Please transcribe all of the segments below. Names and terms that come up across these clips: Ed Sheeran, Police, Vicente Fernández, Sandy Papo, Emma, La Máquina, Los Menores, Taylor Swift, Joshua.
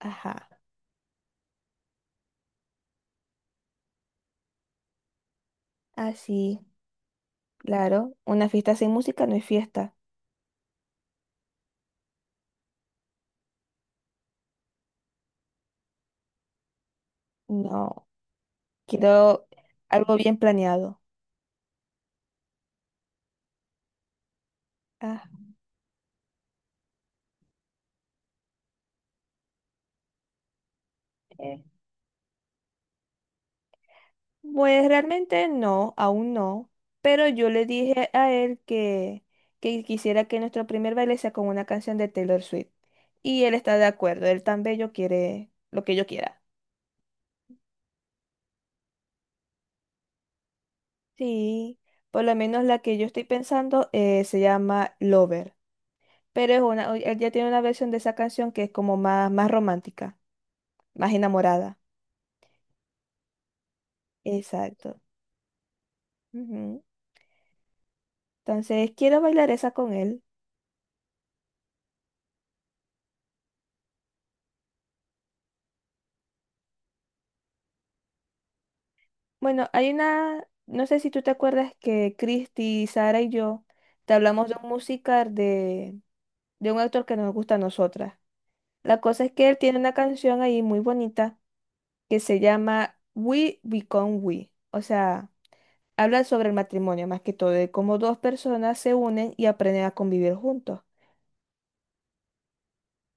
Ajá, así, claro. Una fiesta sin música no es fiesta. No, quiero algo bien planeado. Ah, eh, pues realmente no, aún no. Pero yo le dije a él que quisiera que nuestro primer baile sea con una canción de Taylor Swift. Y él está de acuerdo, él tan bello quiere lo que yo quiera. Sí, por lo menos la que yo estoy pensando se llama Lover. Pero es una, él ya tiene una versión de esa canción que es como más, más romántica. Más enamorada. Exacto. Ujú. Entonces, quiero bailar esa con él. Bueno, hay una, no sé si tú te acuerdas que Cristi, Sara y yo te hablamos de un musical de un actor que no nos gusta a nosotras. La cosa es que él tiene una canción ahí muy bonita que se llama We Become We. O sea, habla sobre el matrimonio más que todo, de cómo dos personas se unen y aprenden a convivir juntos.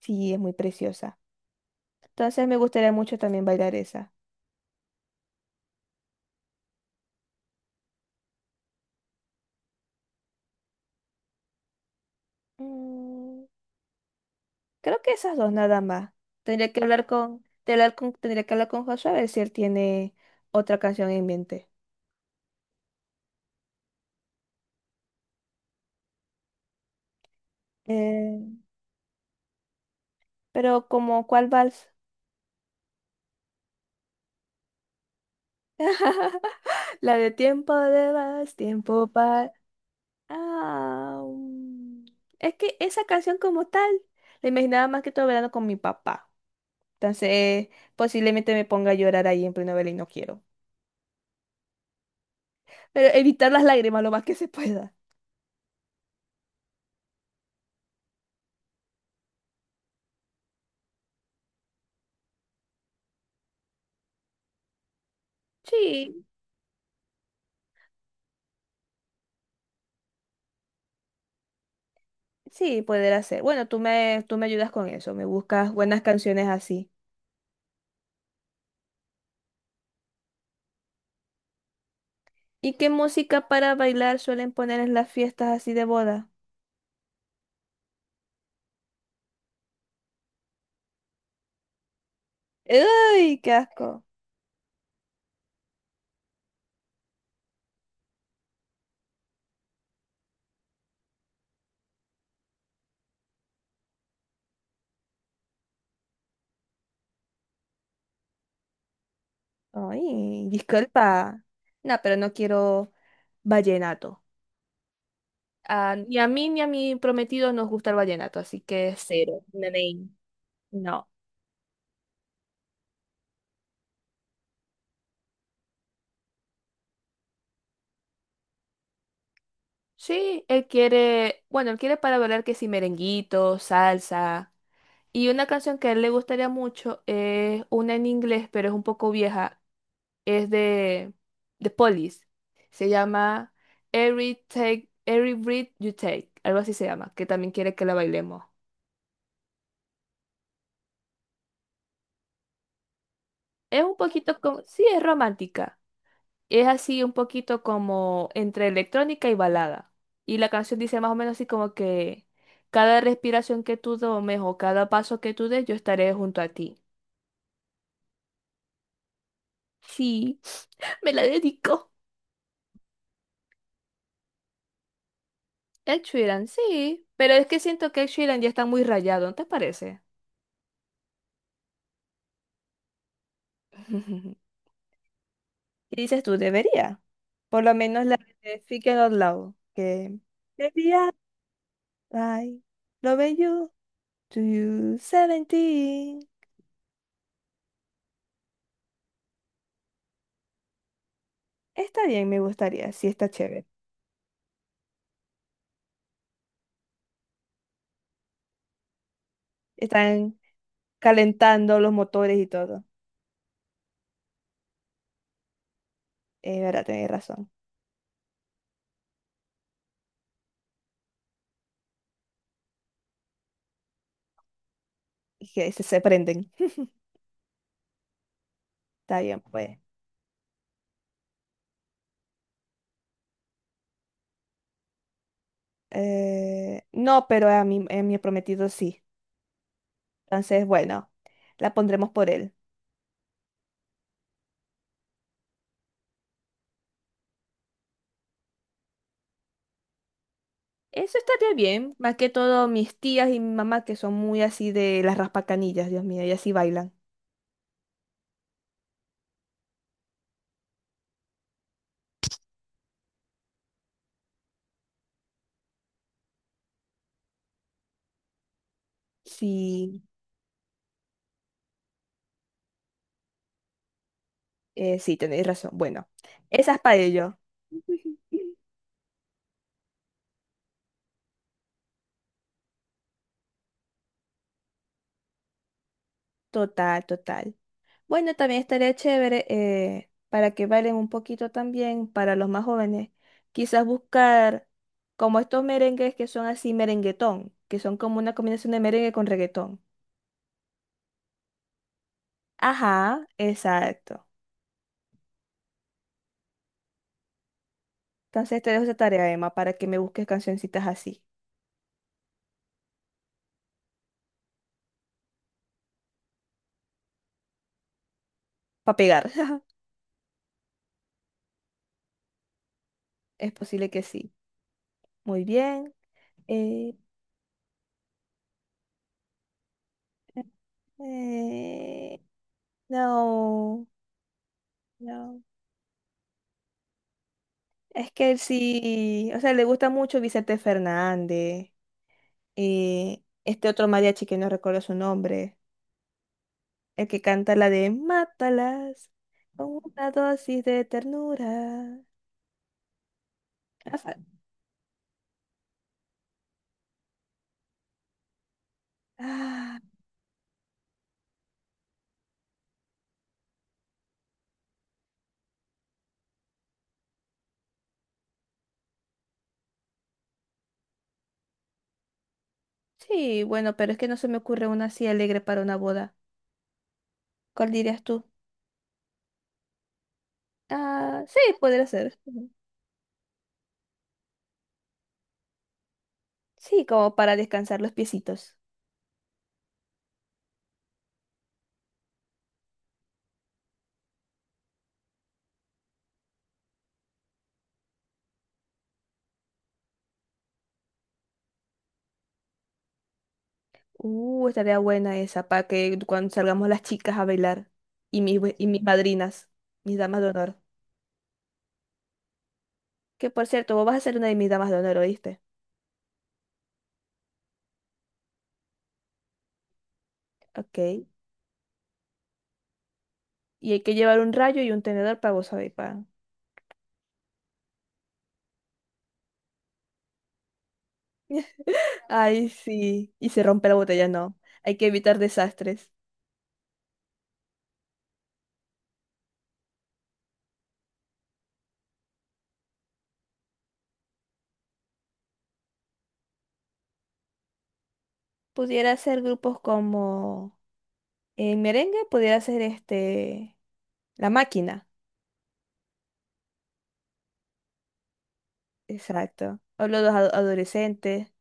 Sí, es muy preciosa. Entonces, me gustaría mucho también bailar esa. Mm. Creo que esas dos nada más. Tendría que hablar con, tendría que hablar con Joshua a ver si él tiene otra canción en mente. Eh, pero ¿como cuál vals? La de tiempo de vals, tiempo para... Ah, es que esa canción como tal la imaginaba más que todo verano con mi papá. Entonces, posiblemente me ponga a llorar ahí en pleno verano y no quiero. Pero evitar las lágrimas lo más que se pueda. Sí. Sí, poder ser. Bueno, tú me ayudas con eso, me buscas buenas canciones así. ¿Y qué música para bailar suelen poner en las fiestas así de boda? ¡Ay, qué asco! Ay, disculpa. No, pero no quiero vallenato. Ah, ni a mí ni a mi prometido nos gusta el vallenato, así que cero. Nenén. No. Sí, él quiere, bueno, él quiere para bailar que si merenguito, salsa. Y una canción que a él le gustaría mucho es una en inglés, pero es un poco vieja, es de Police. Se llama Every Breath You Take, algo así se llama, que también quiere que la bailemos. Es un poquito como, sí, es romántica. Es así un poquito como entre electrónica y balada. Y la canción dice más o menos así como que cada respiración que tú tomes o cada paso que tú des, yo estaré junto a ti. Sí, me la dedico. Ed Sheeran, sí, pero es que siento que Ed Sheeran ya está muy rayado, ¿no te parece? ¿Qué dices tú? Debería. Por lo menos la de Speaking Out Loud. Que debería. Ay, lo bello. To you 17. Está bien, me gustaría. Sí, está chévere. Están calentando los motores y todo. Es verdad, tenés razón. Y se prenden. Está bien, pues. No, pero a mi prometido sí. Entonces, bueno, la pondremos por él. Eso estaría bien, más que todo mis tías y mi mamá que son muy así de las raspacanillas, Dios mío, ellas sí bailan. Sí, sí, tenéis razón. Bueno, esas para ello. Total, total. Bueno, también estaría chévere para que bailen un poquito también para los más jóvenes. Quizás buscar como estos merengues que son así merenguetón, que son como una combinación de merengue con reggaetón. Ajá, exacto. Entonces te dejo esa tarea, Emma, para que me busques cancioncitas así. Para pegar. Es posible que sí. Muy bien. Eh, eh, no, no. Es que él sí, o sea, le gusta mucho Vicente Fernández. Este otro mariachi que no recuerdo su nombre. El que canta la de Mátalas con una dosis de ternura. Ah, fa- ah, sí, bueno, pero es que no se me ocurre una así alegre para una boda. ¿Cuál dirías tú? Ah, sí, podría ser. Sí, como para descansar los piecitos. Estaría buena esa, para que cuando salgamos las chicas a bailar y y mis madrinas, mis damas de honor. Que por cierto, vos vas a ser una de mis damas de honor, ¿oíste? Ok. Y hay que llevar un rayo y un tenedor para vos, ¿sabéis? Pa. Ay, sí. Y se rompe la botella, no. Hay que evitar desastres. Pudiera ser grupos como en merengue, pudiera ser este La Máquina. Exacto. O adolescentes.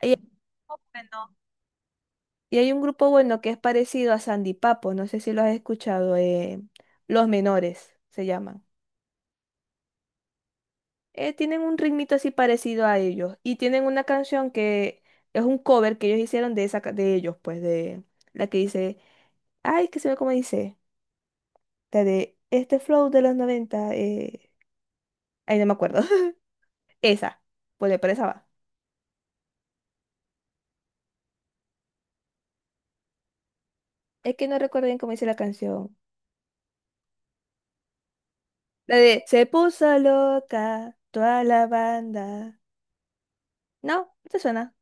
Ahí es joven, ¿no? Y hay un grupo bueno que es parecido a Sandy Papo, no sé si lo has escuchado, Los Menores se llaman. Tienen un ritmito así parecido a ellos y tienen una canción que es un cover que ellos hicieron de ellos, pues de la que dice, ay, es que se ve cómo dice, la de este flow de los 90 ay, no me acuerdo. Esa, pues por esa va. Es que no recuerdo bien cómo dice la canción. La de se puso loca toda la banda. ¿No? No, ¿te suena?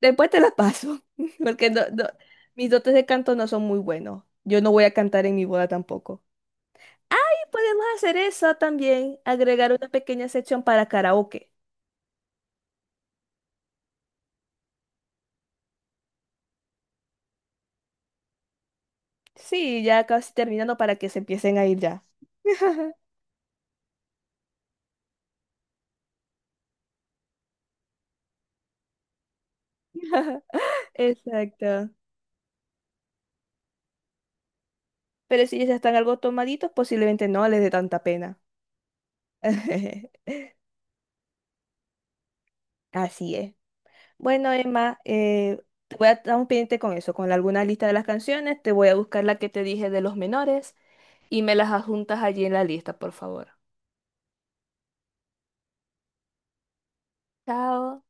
Después te la paso, porque mis dotes de canto no son muy buenos. Yo no voy a cantar en mi boda tampoco. Y podemos hacer eso también, agregar una pequeña sección para karaoke. Sí, ya casi terminando para que se empiecen a ir ya. Exacto. Pero si ya están algo tomaditos, posiblemente no les dé tanta pena. Así es. Bueno, Emma, te voy a estar un pendiente con eso, con alguna lista de las canciones. Te voy a buscar la que te dije de los menores, y me las adjuntas allí en la lista, por favor. Chao.